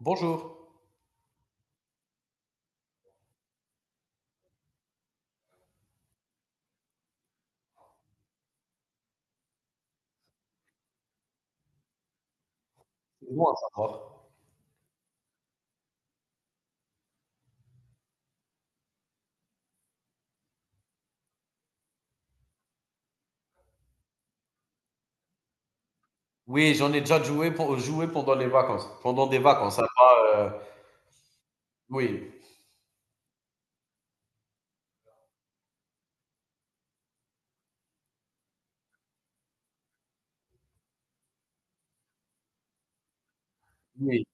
Bonjour. Moi ça va? Oui, j'en ai déjà joué, joué pendant les vacances. Pendant des vacances, ça va. Oui, oui,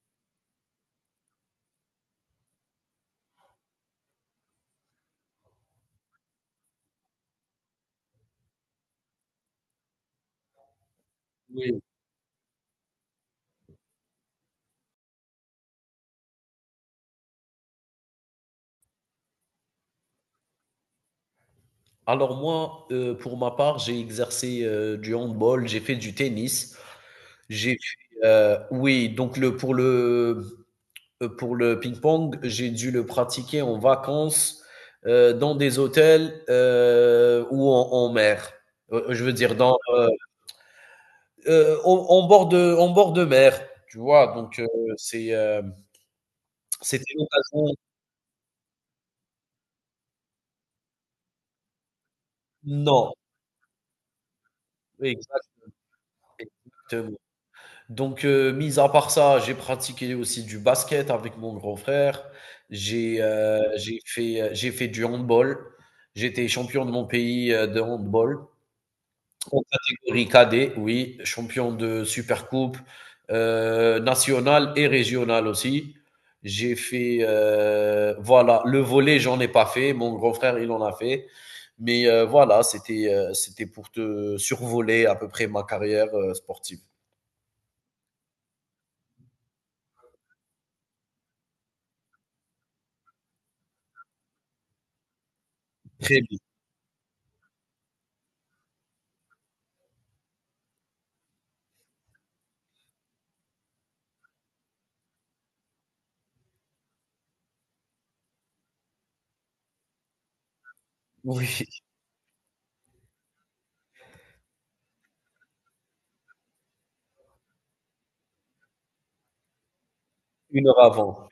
oui. Alors moi, pour ma part, j'ai exercé du handball, j'ai fait du tennis, j'ai fait, oui, donc le pour le pour le ping-pong, j'ai dû le pratiquer en vacances dans des hôtels ou en mer. Je veux dire dans en, en bord de mer, tu vois. Donc c'est c'était l'occasion. Non, exact exactement. Donc mis à part ça, j'ai pratiqué aussi du basket avec mon grand frère. J'ai, j'ai fait du handball. J'étais champion de mon pays, de handball, en catégorie cadet, oui, champion de Supercoupe nationale et régionale aussi. J'ai fait, voilà, le volley j'en ai pas fait. Mon grand frère, il en a fait. Mais voilà, c'était pour te survoler à peu près ma carrière sportive. Très bien. Oui, une heure avant.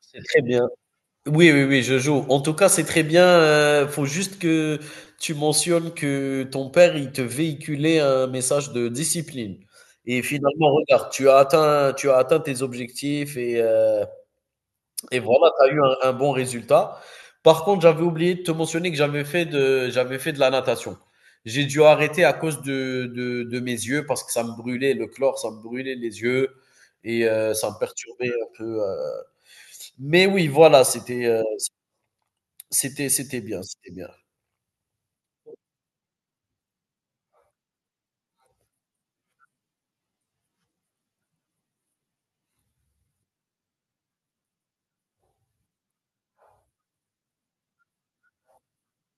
C'est très bien. Oui, oui, oui, je joue. En tout cas, c'est très bien. Faut juste que tu mentionnes que ton père, il te véhiculait un message de discipline. Et finalement, regarde, tu as atteint tes objectifs et voilà, tu as eu un bon résultat. Par contre, j'avais oublié de te mentionner que j'avais fait de la natation. J'ai dû arrêter à cause de mes yeux parce que ça me brûlait le chlore, ça me brûlait les yeux et ça me perturbait un peu. Mais oui, voilà, c'était bien, c'était bien.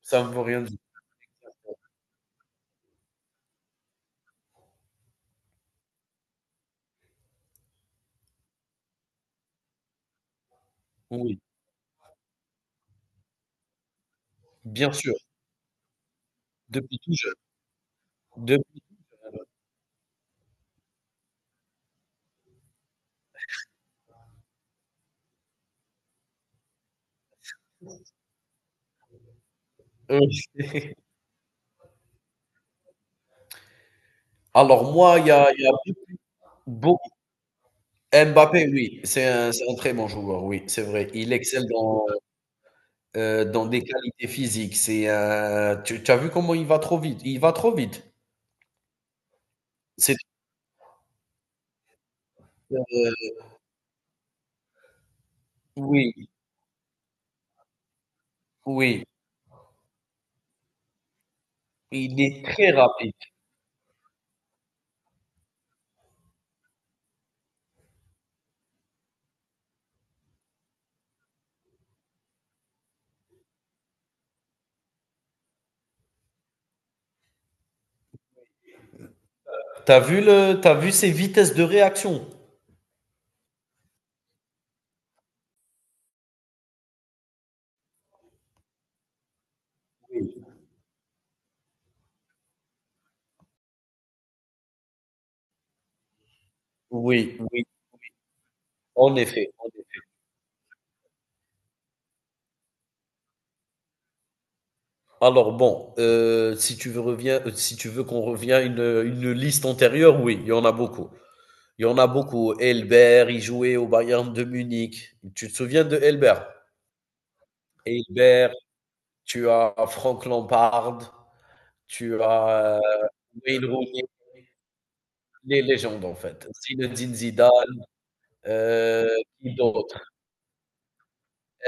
Ça me veut rien dire. Oui, bien sûr, depuis tout jeune. Depuis heu, alors moi, il y a beaucoup. Mbappé, oui, c'est un très bon joueur, oui, c'est vrai. Il excelle dans, dans des qualités physiques. C'est un, tu as vu comment il va trop vite? Il va trop vite. C'est heu, oui, oui, il est très rapide. T'as vu ses vitesses de réaction? Oui, oui, oui, en effet. Alors bon, si tu veux reviens si tu veux qu'on revient une liste antérieure, oui, il y en a beaucoup. Il y en a beaucoup. Elbert, il jouait au Bayern de Munich. Tu te souviens de Elbert? Elbert, tu as Frank Lampard, tu as, Wayne Rooney, les légendes en fait. Zinedine Zidane, heu, qui d'autre?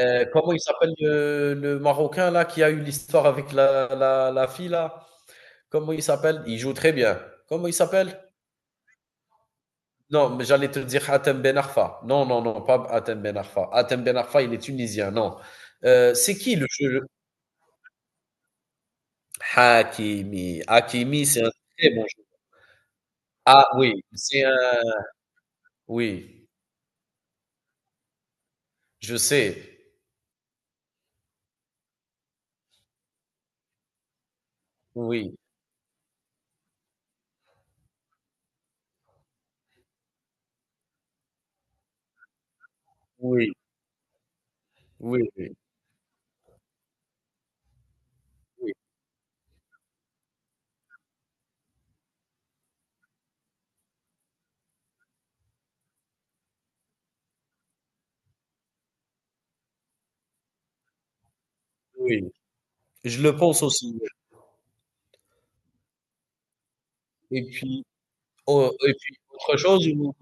Comment il s'appelle le Marocain là qui a eu l'histoire avec la fille là? Comment il s'appelle? Il joue très bien. Comment il s'appelle? Non, mais j'allais te dire Hatem Ben Arfa. Non, non, non, pas Hatem Ben Arfa. Hatem Ben Arfa, il est tunisien, non. C'est qui le jeu? Hakimi. Hakimi, c'est un très bon jeu. Ah oui, c'est un... Oui, je sais. Oui, oui, oui, oui, oui, oui. Je le pense aussi. Et puis, oh, et puis autre chose? Ou...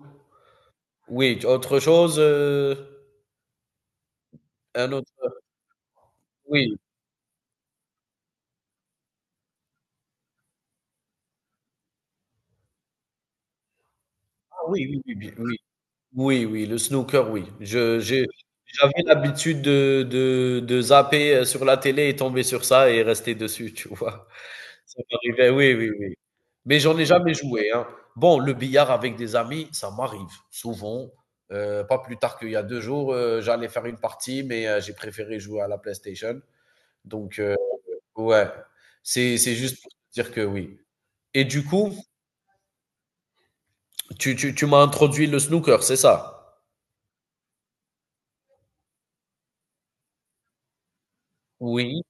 oui, autre chose? Un autre... oui, ah, oui, oui, oui, oui, oui. Oui, oui, le snooker, oui. Je J'ai, j'avais l'habitude de zapper, sur la télé et tomber sur ça et rester dessus, tu vois? Ça m'arrivait, oui, oui, oui. Mais j'en ai jamais joué, hein. Bon, le billard avec des amis, ça m'arrive souvent, pas plus tard qu'il y a 2 jours, j'allais faire une partie, mais j'ai préféré jouer à la PlayStation. Donc ouais, c'est juste pour dire que oui. Et du coup, tu m'as introduit le snooker, c'est ça? Oui.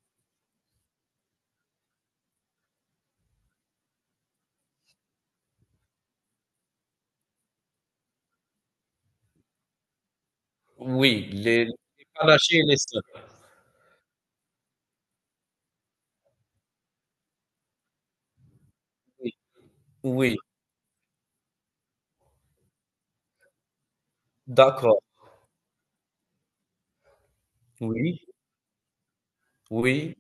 Oui, les panaches et les sacs. Oui, oui, d'accord. Oui, oui,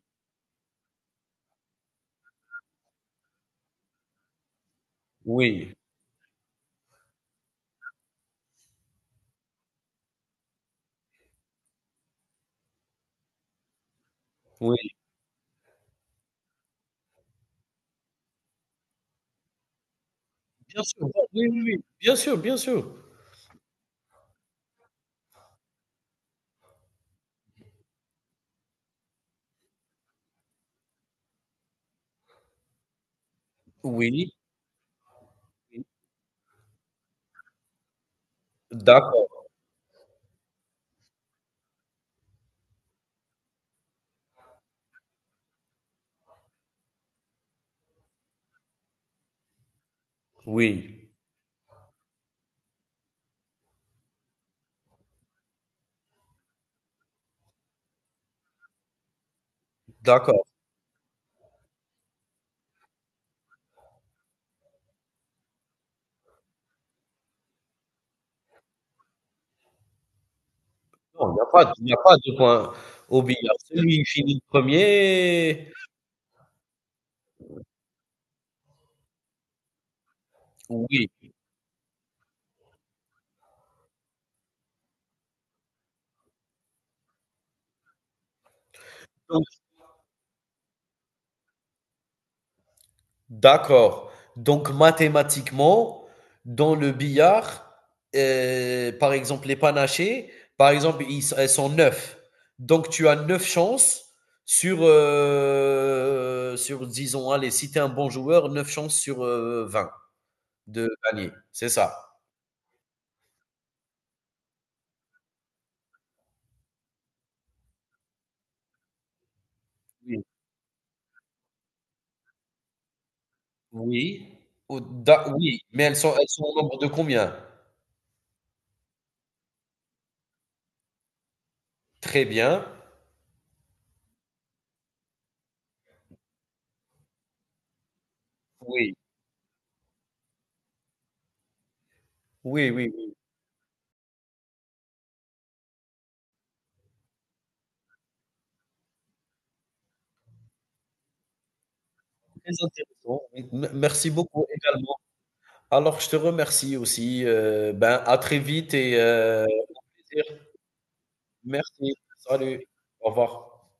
oui, oui. Bien sûr, bon, oui, oui, oui. Bien sûr, bien sûr. Oui, oui. D'accord, oui, d'accord. Non, il n'y a pas de point au billard. Celui qui finit 1er, oui. D'accord. Donc mathématiquement, dans le billard, par exemple, les panachés, par exemple, ils elles sont 9. Donc tu as 9 chances sur, sur disons, allez, si tu es un bon joueur, 9 chances sur, 20 de gagner, c'est ça? Oui. Oui. Ou d'a oui, mais elles sont au nombre de combien? Très bien. Oui. Oui, oui, oui, très intéressant. M Merci beaucoup également. Alors, je te remercie aussi. Ben, à très vite et merci. Salut. Au revoir.